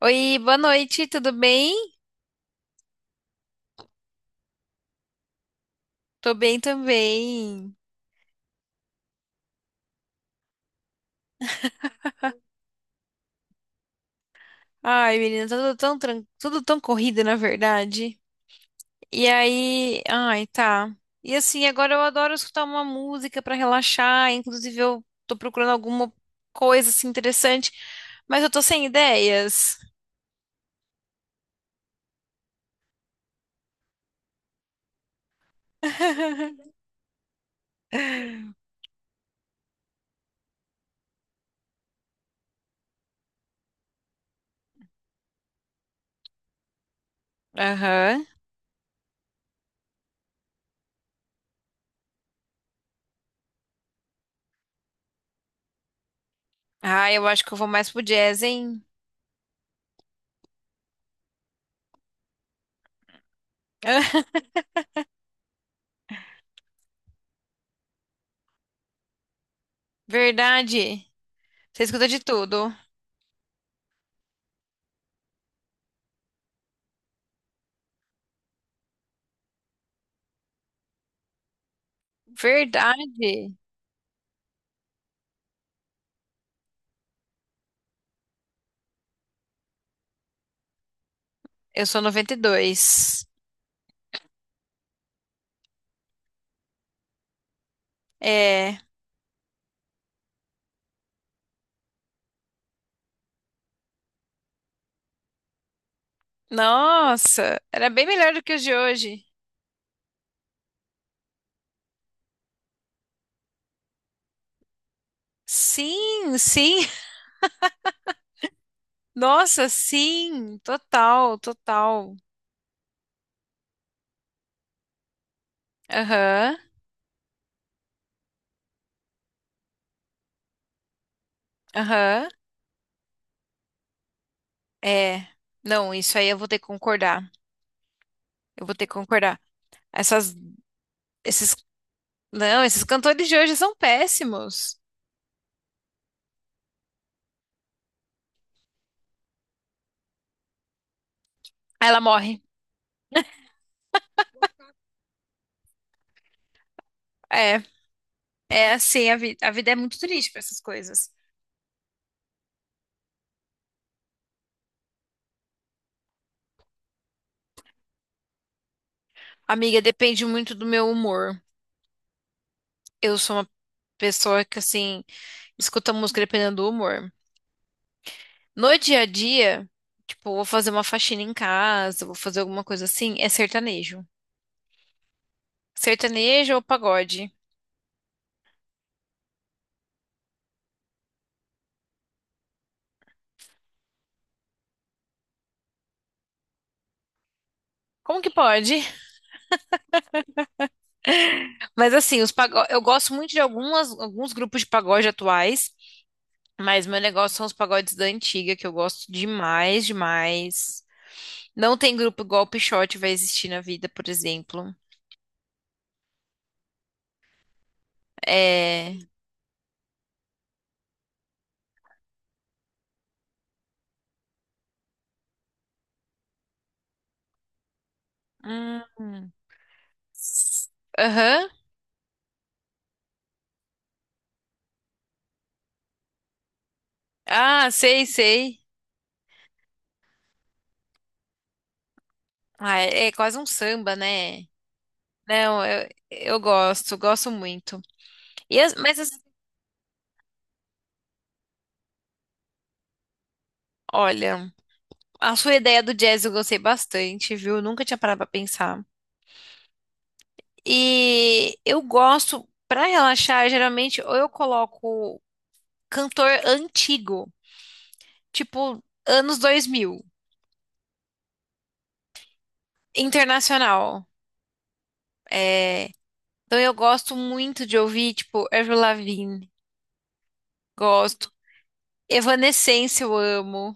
Oi, boa noite, tudo bem? Tô bem também. Ai, menina, tá tudo tão corrido, na verdade. E aí, ai, tá. E assim, agora eu adoro escutar uma música pra relaxar, inclusive eu tô procurando alguma coisa assim interessante, mas eu tô sem ideias. Aham. Ah, eu acho que eu vou mais pro jazz, hein? Verdade. Você escuta de tudo. Verdade. Eu sou 92. É. Nossa, era bem melhor do que os de hoje. Sim, sim. Nossa, sim. Total, total. Aham, aham. É. Não, isso aí eu vou ter que concordar. Eu vou ter que concordar. Essas, esses, não, Esses cantores de hoje são péssimos. Ela morre. É, é assim, a vida é muito triste para essas coisas. Amiga, depende muito do meu humor. Eu sou uma pessoa que, assim, escuta música dependendo do humor. No dia a dia, tipo, vou fazer uma faxina em casa, vou fazer alguma coisa assim, é sertanejo. Sertanejo ou pagode? Como que pode? Mas assim, os pago... eu gosto muito de alguns grupos de pagode atuais, mas meu negócio são os pagodes da antiga, que eu gosto demais, demais. Não tem grupo igual o Pixote vai existir na vida, por exemplo. É. Hum. Aham. Ah, sei, sei. Ah, é é quase um samba, né? Não, eu gosto, gosto muito. E as- mas, as- Olha, a sua ideia do jazz eu gostei bastante, viu? Nunca tinha parado pra pensar. E eu gosto, pra relaxar, geralmente, ou eu coloco cantor antigo, tipo anos 2000, internacional. É, então eu gosto muito de ouvir, tipo, Avril Lavigne, gosto. Evanescence eu amo,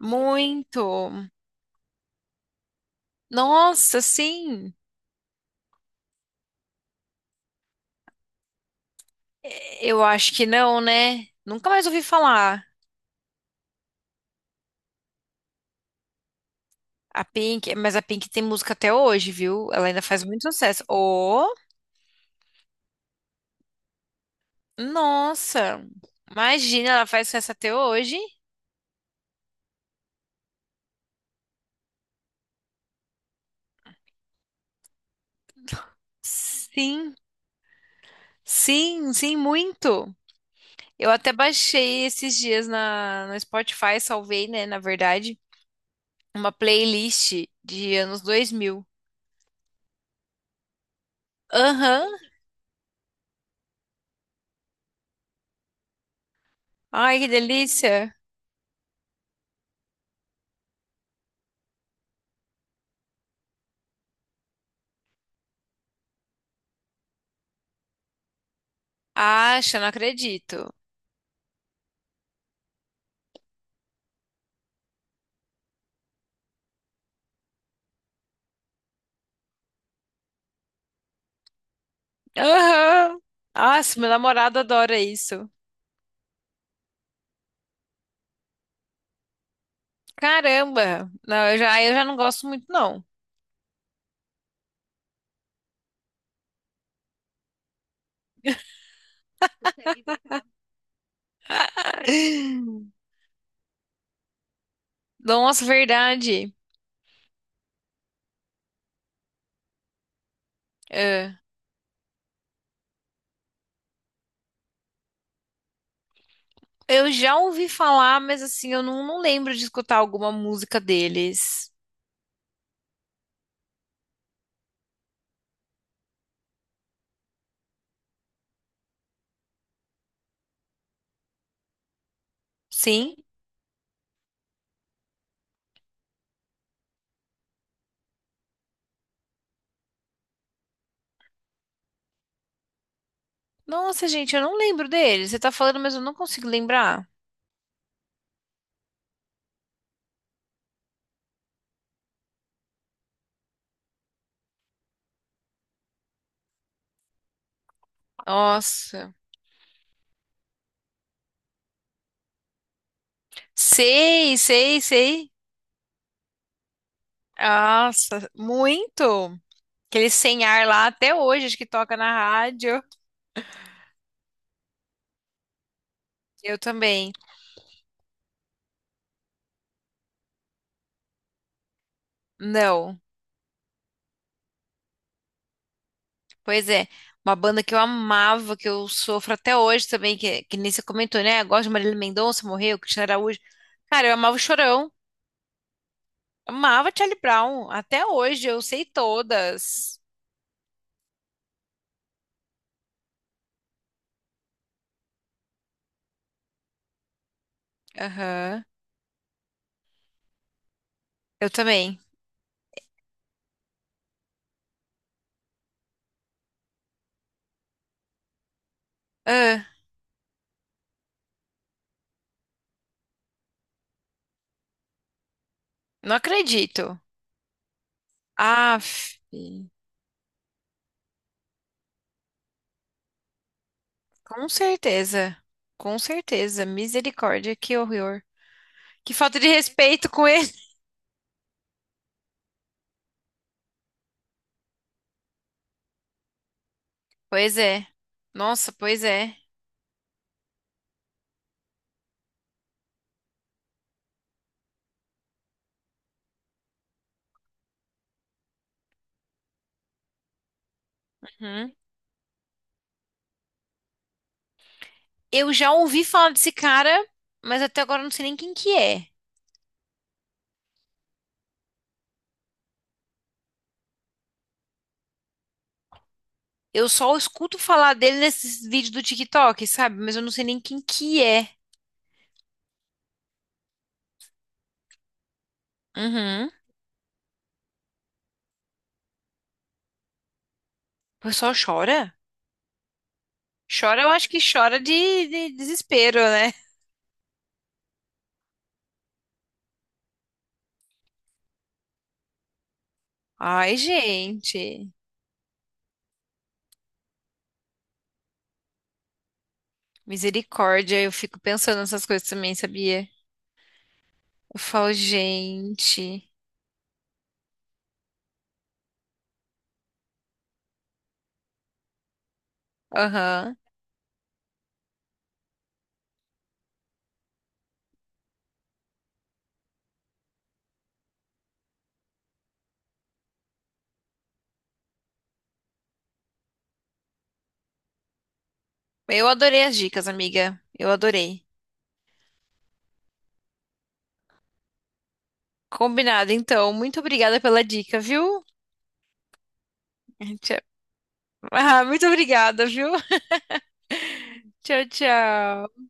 muito. Nossa, sim. Eu acho que não, né? Nunca mais ouvi falar. A Pink, mas a Pink tem música até hoje, viu? Ela ainda faz muito sucesso. Oh, nossa! Imagina, ela faz sucesso até hoje? Sim, sim, sim, muito. Eu até baixei esses dias no Spotify, salvei, né, na verdade, uma playlist de anos 2000. Aham. Ai, que delícia. Acha, não acredito. Aham. Nossa, meu namorado adora isso. Caramba! Não, eu já não gosto muito, não. Nossa, verdade. É. Eu já ouvi falar, mas assim, eu não, não lembro de escutar alguma música deles. Sim? Nossa, gente, eu não lembro deles. Você tá falando, mas eu não consigo lembrar. Nossa. Sei, sei, sei. Nossa, muito. Aquele sem ar lá até hoje, acho que toca na rádio. Eu também. Não. Pois é, uma banda que eu amava, que eu sofro até hoje também, que nem você comentou, né? Eu gosto de Marília Mendonça, morreu, Cristiano Araújo. Cara, eu amava o Chorão, amava Charlie Brown, até hoje eu sei todas. Aham, eu também. Ah, não acredito. Aff, com certeza, com certeza, misericórdia, que horror. Que falta de respeito com ele. Pois é, nossa, pois é. Eu já ouvi falar desse cara, mas até agora eu não sei nem quem que é. Eu só escuto falar dele nesses vídeos do TikTok, sabe? Mas eu não sei nem quem que é. Uhum. O pessoal chora? Chora, eu acho que chora de desespero, né? Ai, gente. Misericórdia, eu fico pensando nessas coisas também, sabia? Eu falo, gente. Aham. Eu adorei as dicas, amiga. Eu adorei. Combinado, então. Muito obrigada pela dica, viu? Ah, muito obrigada, viu? Tchau, tchau.